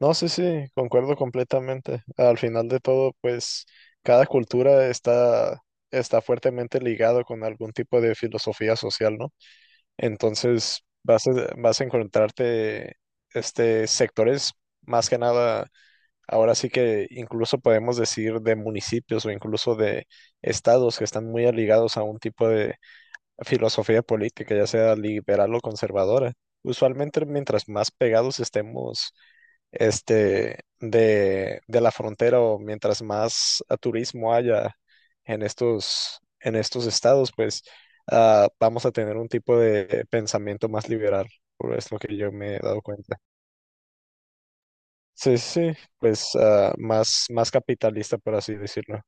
No, sí, sí, concuerdo completamente. Al final de todo, pues cada está fuertemente ligado con algún tipo de filosofía social, ¿no? Entonces vas a, vas a encontrarte sectores, más que nada, ahora sí que incluso podemos decir de municipios o incluso de estados que están muy ligados a un tipo de filosofía política, ya sea liberal o conservadora. Usualmente, mientras más pegados estemos de la frontera o mientras más turismo haya en en estos estados, pues vamos a tener un tipo de pensamiento más liberal, por es lo que yo me he dado cuenta. Sí, sí, sí, pues más, más capitalista, por así decirlo.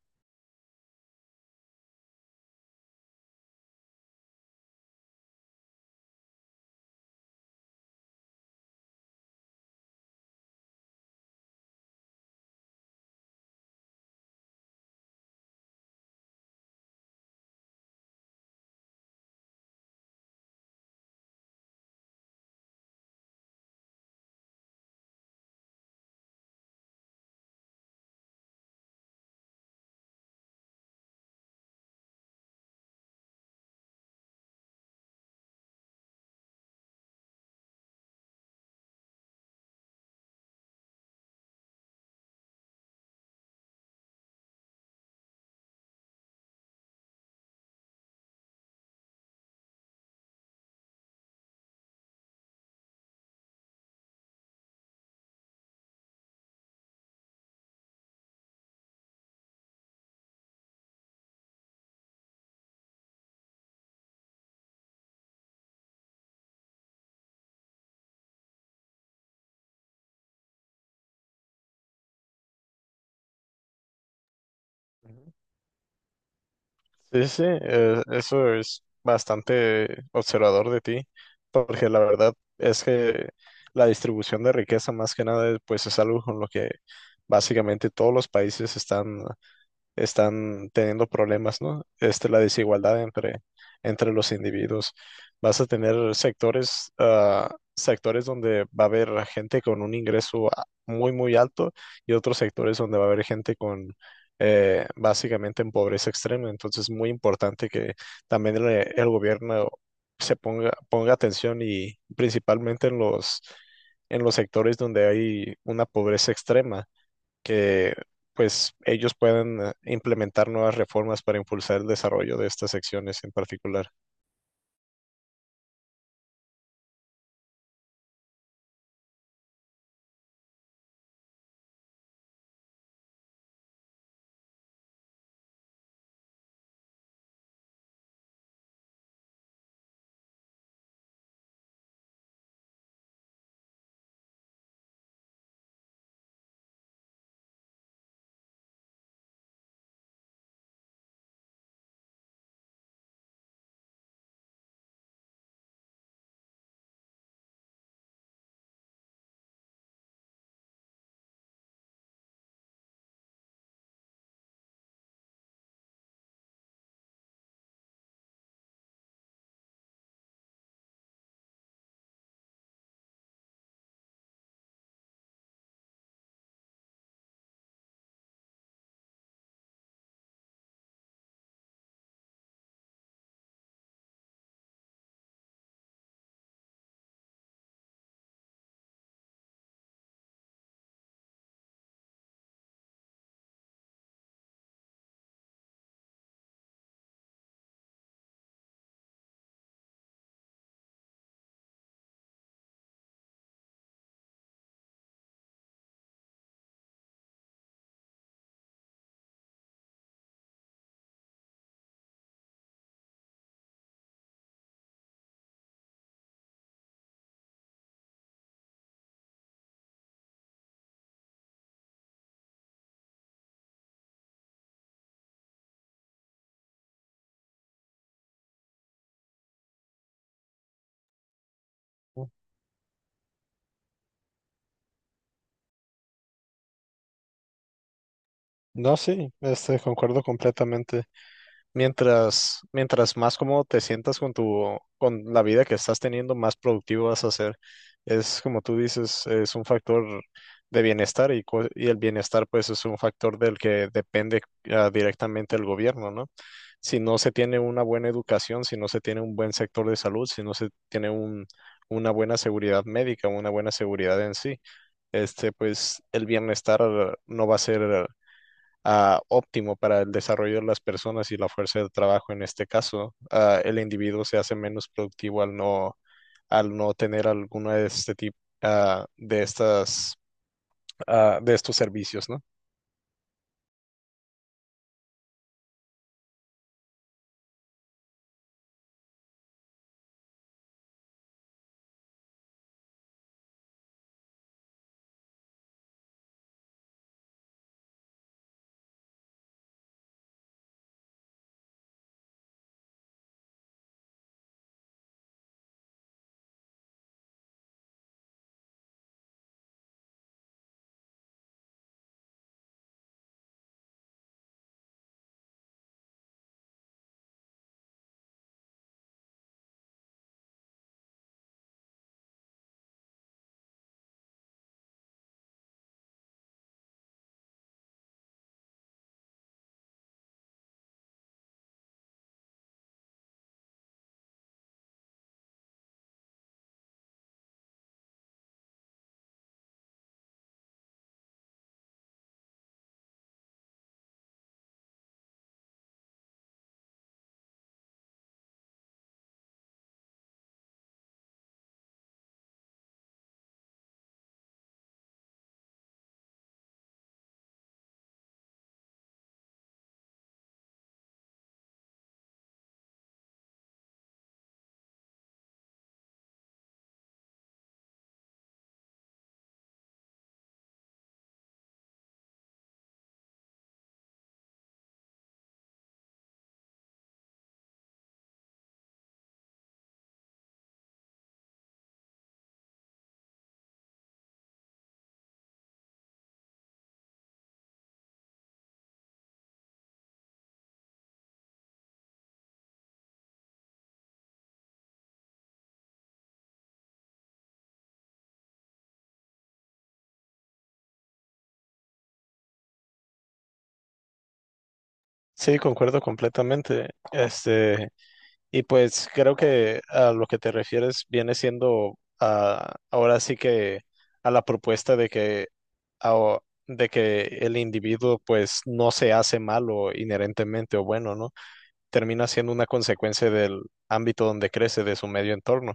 Sí, sí, eso es bastante observador de ti, porque la verdad es que la distribución de riqueza más que nada, pues es algo con lo que básicamente todos los países están teniendo problemas, ¿no? Este, la entre los individuos. Vas a tener sectores, sectores donde va a haber gente con un muy, muy alto y otros sectores donde va a haber gente con básicamente en pobreza extrema. Entonces es muy importante que también el gobierno ponga atención y principalmente en en los sectores donde hay una pobreza extrema que pues ellos puedan implementar nuevas reformas para impulsar el desarrollo de estas secciones en particular. No, sí, este, concuerdo completamente. Mientras más cómodo te sientas con con la vida que estás teniendo, más productivo vas a ser. Es como tú dices, es un factor de bienestar y el bienestar pues es un factor del que depende directamente el gobierno, ¿no? Si no se tiene una buena educación, si no se tiene un buen sector de salud, si no se tiene una buena seguridad médica, una buena seguridad en sí, este pues el bienestar no va a ser óptimo para el desarrollo de las personas y la fuerza de trabajo en este caso. El individuo se hace menos productivo al no tener alguno de este tipo de estas de estos servicios, ¿no? Sí, concuerdo completamente. Este, y pues creo que a lo que te refieres viene siendo ahora sí que a la propuesta de que ao- de que el individuo pues no se hace malo inherentemente o bueno, ¿no? Termina siendo una consecuencia del ámbito donde crece, de su medio entorno.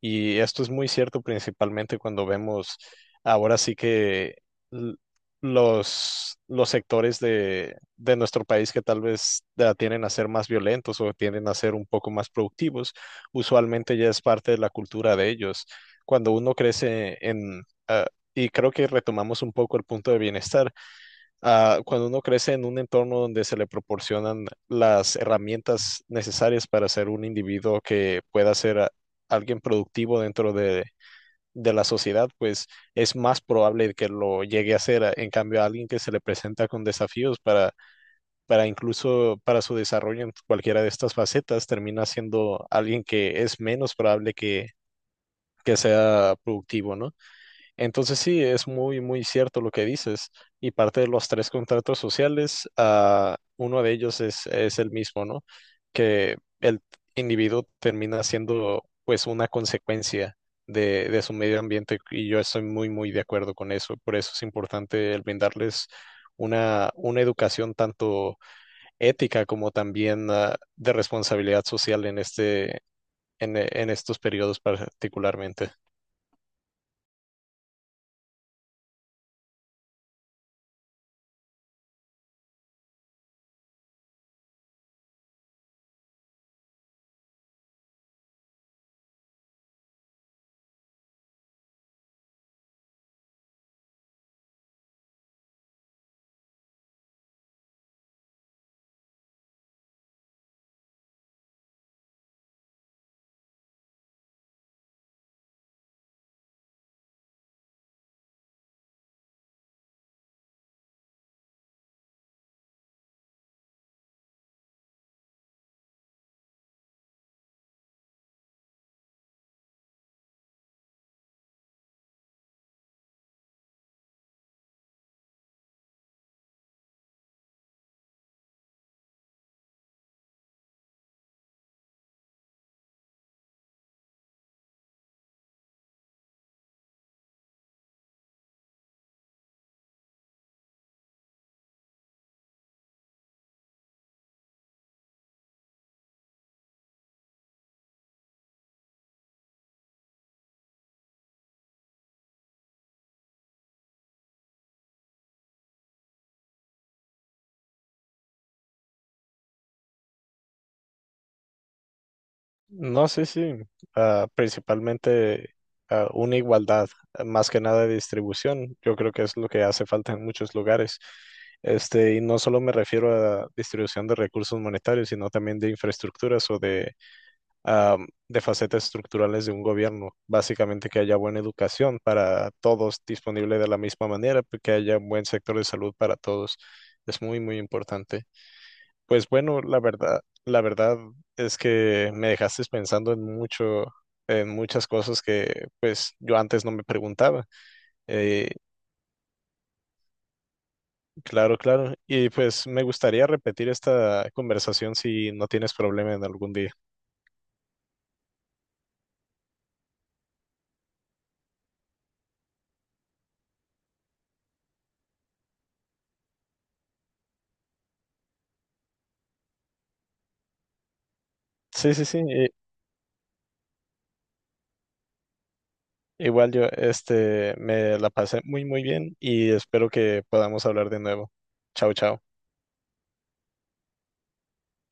Y esto es muy cierto principalmente cuando vemos ahora sí que l- los sectores de nuestro país que tal vez tienden a ser más violentos o tienden a ser un poco más productivos, usualmente ya es parte de la cultura de ellos. Cuando uno crece en... y creo que retomamos un poco el punto de bienestar, cuando uno crece en un entorno donde se le proporcionan las herramientas necesarias para ser un individuo que pueda alguien productivo dentro de la sociedad, pues es más probable que lo llegue a ser. En cambio, a alguien que se le presenta con desafíos para incluso para su desarrollo en cualquiera de estas facetas, termina siendo alguien que es menos probable que sea productivo, ¿no? Entonces sí, es muy, muy cierto lo que dices. Y parte de los tres contratos sociales, ah, uno de ellos es el mismo, ¿no? Que el individuo termina siendo pues una consecuencia de su medio ambiente y yo estoy muy, muy de acuerdo con eso. Por eso es importante el brindarles una educación tanto ética como también de responsabilidad social en en estos periodos particularmente. No, sí, sí. Ah, principalmente ah, una igualdad, ah, más que nada de distribución. Yo creo que es lo que hace falta en muchos lugares. Este, y no solo me refiero a distribución de recursos monetarios, sino también de infraestructuras ah, de facetas estructurales de un gobierno. Básicamente que haya buena educación para todos disponible de la misma manera, que haya un buen sector de salud para todos. Es muy, muy importante. Pues bueno, la verdad es que me dejaste pensando en mucho, en muchas cosas que pues yo antes no me preguntaba. Eh, claro, claro. Y pues me gustaría repetir esta conversación si no tienes problema en algún día. Sí, sí, sí. Igual yo, este, me la pasé muy, muy bien y espero que podamos hablar de nuevo. Chao, chao.